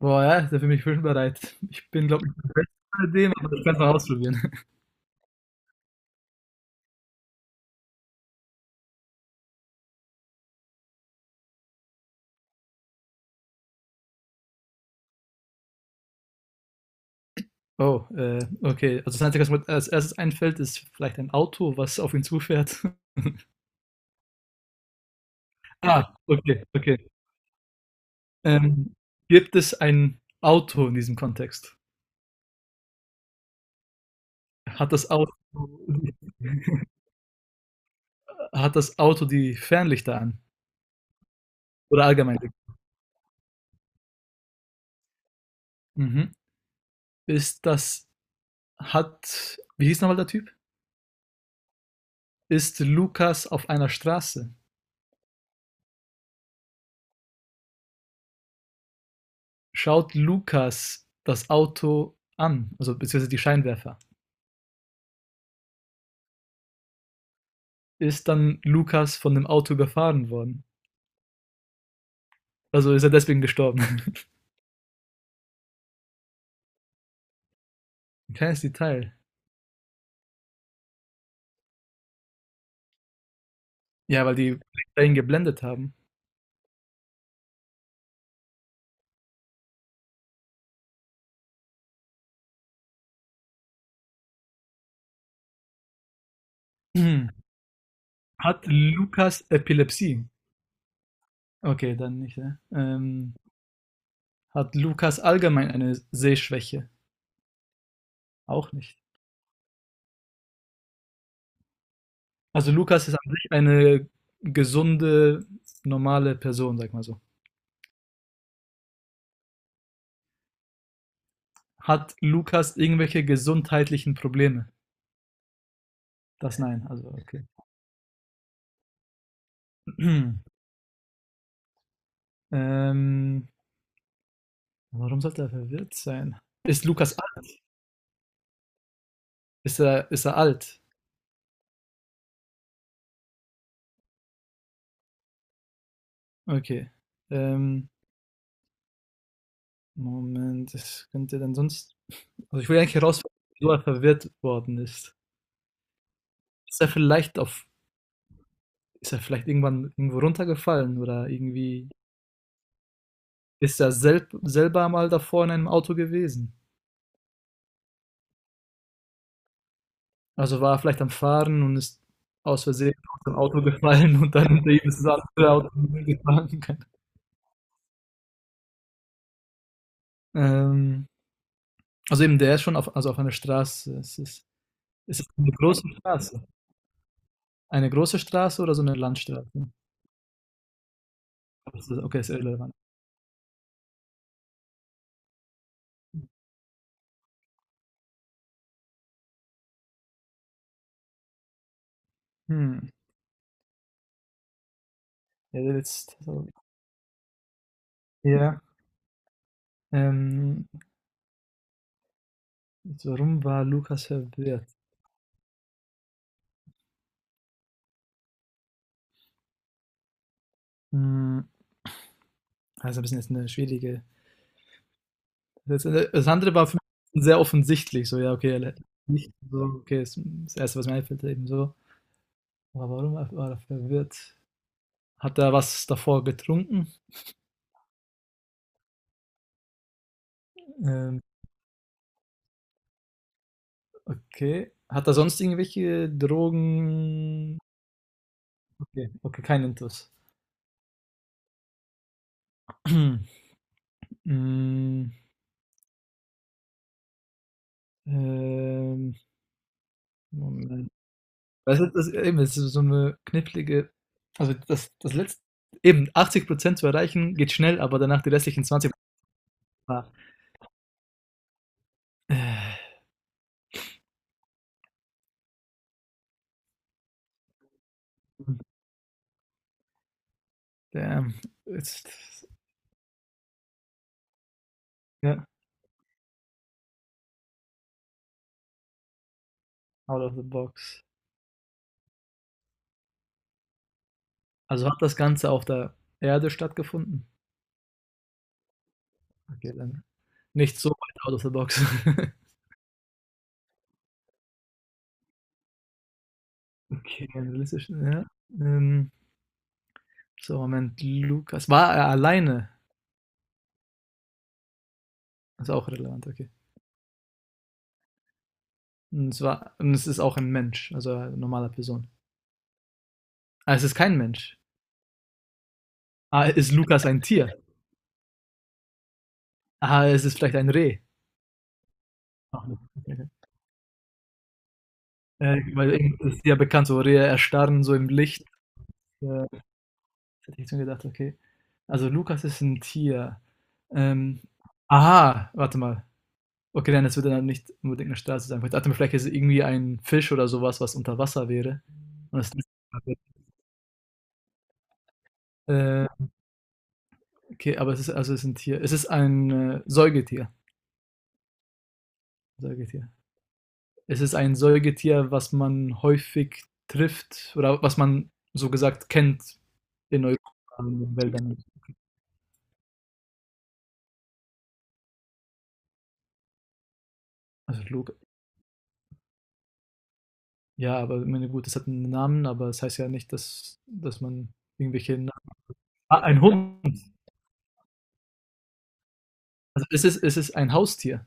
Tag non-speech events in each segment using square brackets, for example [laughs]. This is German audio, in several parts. Boah, ja, da bin ich bereit. Ich bin, glaube ich, nicht der Beste bei dem, aber ich kann es mal ausprobieren. Oh, okay. Also das Einzige, was mir als erstes einfällt, ist vielleicht ein Auto, was auf ihn zufährt. [laughs] Ah, okay, okay. Ähm, Gibt es ein Auto in diesem Kontext? Hat das Auto, Hat das Auto die Fernlichter an? Oder allgemein? Mhm. Ist das, Wie hieß nochmal der Typ? Ist Lukas auf einer Straße? Schaut Lukas das Auto an? Also beziehungsweise die Scheinwerfer? Ist dann Lukas von dem Auto überfahren worden. Also ist er deswegen gestorben. [laughs] Ein kleines Detail. Ja, weil die Polizei ihn geblendet haben. [clears throat] Hat Lukas Epilepsie? Okay, dann nicht. Ne? Hat Lukas allgemein eine Sehschwäche? Auch nicht. Also Lukas ist an sich eine gesunde, normale Person, sag mal so. Hat Lukas irgendwelche gesundheitlichen Probleme? Das nein, also okay. [clears throat] ähm, Warum sollte er verwirrt sein? Ist Lukas ist er alt? Okay. Ähm, Moment, das könnte dann sonst. Also ich will eigentlich herausfinden, wieso er verwirrt worden ist. Ist er vielleicht auf. Ist er vielleicht irgendwann irgendwo runtergefallen oder irgendwie. Ist er selber mal davor in einem Auto gewesen? Also war er vielleicht am Fahren und ist aus Versehen aus dem Auto gefallen und dann hinter ihm ist das andere Auto gefahren. Ähm, also eben, der ist schon auf, also auf einer Straße. Es ist eine große Straße. Eine große Straße oder so eine Landstraße? Okay, das ist irrelevant. Hm. Ja, jetzt, also, ja. Ähm, Jetzt, warum war Lukas verwirrt? Hm. Also ein bisschen jetzt eine schwierige. Das, das andere war für mich sehr offensichtlich. So, ja, okay, er hat nicht so, okay, das Erste, was mir einfällt, eben so. Aber warum war er verwirrt? Hat er was davor getrunken? Ähm, okay. Hat er sonst irgendwelche Drogen? Okay, okay, kein Intus. [clears throat] Hm. ähm, Moment. Eben, das ist so eine knifflige. Das Letzte, eben, 80% zu erreichen geht schnell, aber danach die restlichen 20%. Prozent. Damn. Jetzt, ja, out of the box. Also hat das Ganze auf der Erde stattgefunden? Okay, dann nicht so weit out of the box. [laughs] Okay, realistisch, ja. Ähm, so, Moment, Lukas. War er alleine? Ist auch relevant, okay. Und es ist auch ein Mensch, also eine normale Person. Ah, es ist kein Mensch. Ah, ist Lukas ein Tier? Aha, es ist vielleicht ein Reh. Ach, okay. Weil das ist ja bekannt, so Rehe erstarren so im Licht. Äh, hätte ich jetzt gedacht, okay. Also Lukas ist ein Tier. Ähm, aha, warte mal. Okay, dann es wird dann nicht unbedingt eine Straße sein. Ich dachte mir, vielleicht ist es irgendwie ein Fisch oder sowas, was unter Wasser wäre. Und das äh, okay, aber es ist es ist ein Tier. Es ist ein Säugetier. Säugetier. Es ist ein Säugetier, was man häufig trifft oder was man so gesagt kennt in Europa, in den Wäldern. Also, Log- ja, aber ich meine, gut, es hat einen Namen, aber es heißt ja nicht, dass, dass man irgendwelche. Ah, ein Hund. Also, es ist ein Haustier.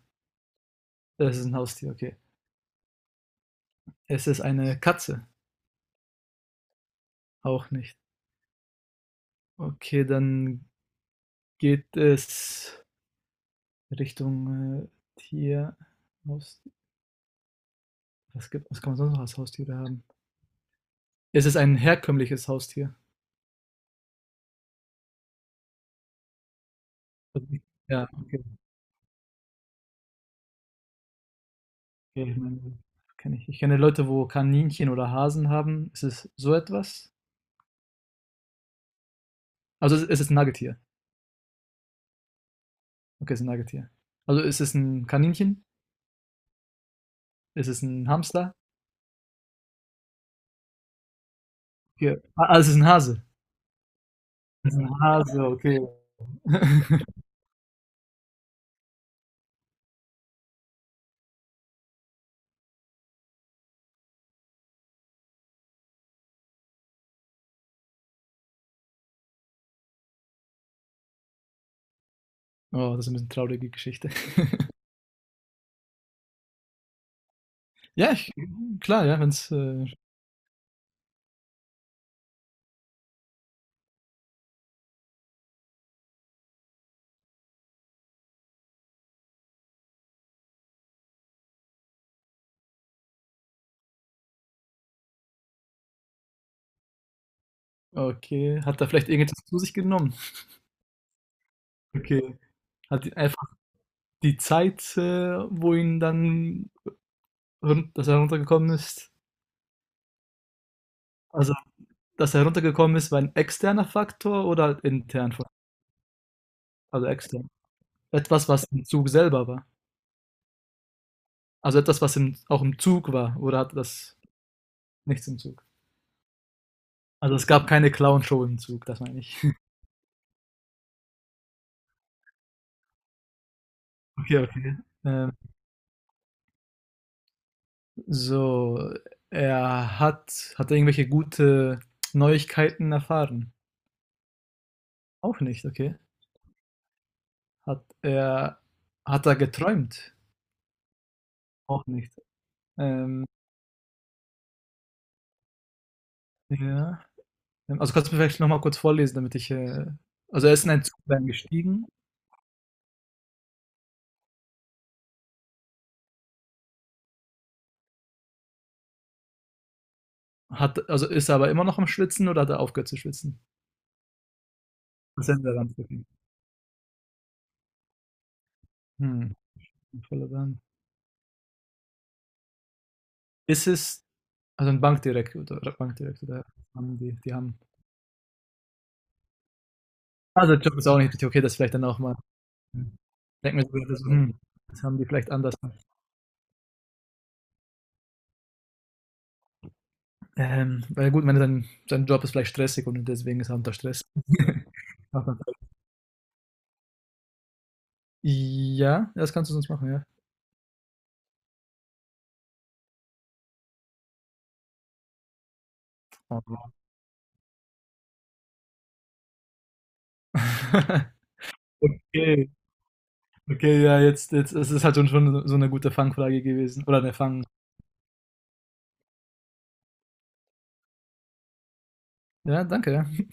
Es ist ein Haustier, okay. Es ist eine Katze. Auch nicht. Okay, dann geht es Richtung Tier. Haus- Was gibt, was kann man sonst noch als Haustiere haben? Es ist ein herkömmliches Haustier. [unintelligible] Ja, okay, okay. Ich meine, kenne ich. Ich kenne Leute, wo Kaninchen oder Hasen haben. Ist es so etwas? Also es ist 'n Nagetier. Okay, es ist 'n Nagetier. Also ist es 'n Kaninchen? Ist es 'n Hamster? Okay. Ah, es ist 'n Hase. Es ist 'n Hase, okay. [laughs] Oh, das ist 'n bisschen traurige Geschichte. [laughs] Ja, ich klar, ja, wenn's, okay. Hat er vielleicht irgendetwas zu sich genommen? Okay. Hat ihn einfach die Zeit, wo ihn dann run dass er runtergekommen ist, also dass er runtergekommen ist, war ein externer Faktor oder intern? Also extern. Etwas, was im Zug selber war. Also etwas, was im, auch im Zug war. Oder hatte das nichts im Zug? Also es gab keine Clown-Show im Zug, das meine ich. [laughs] Okay, okay. Ähm, so, er hat, hat er irgendwelche gute Neuigkeiten erfahren? Auch nicht, okay. Hat er, hat er geträumt? Auch nicht. Ähm, ja. Also kannst du mir vielleicht nochmal kurz vorlesen, damit ich. Also er ist in einen Zug gestiegen. Hat, also ist er aber immer noch am Schwitzen oder hat er aufgehört zu schwitzen? Das sind wir dann drücken. Hm, voller Wärme. Ist es, also ein Bankdirektor, oder Bankdirektor, da haben die, die haben. Also Job ist auch nicht richtig okay, das vielleicht dann auch mal. Denken wir so, das, hm, das haben die vielleicht anders. Weil gut, wenn sein, sein Job ist vielleicht stressig und deswegen ist er unter Stress. [laughs] Ja, das kannst du sonst machen, ja. Oh, wow. [laughs] Okay, okay, ja, jetzt, jetzt, es ist halt schon, schon so eine gute Fangfrage gewesen. Oder eine Fang. Ja, danke, ja.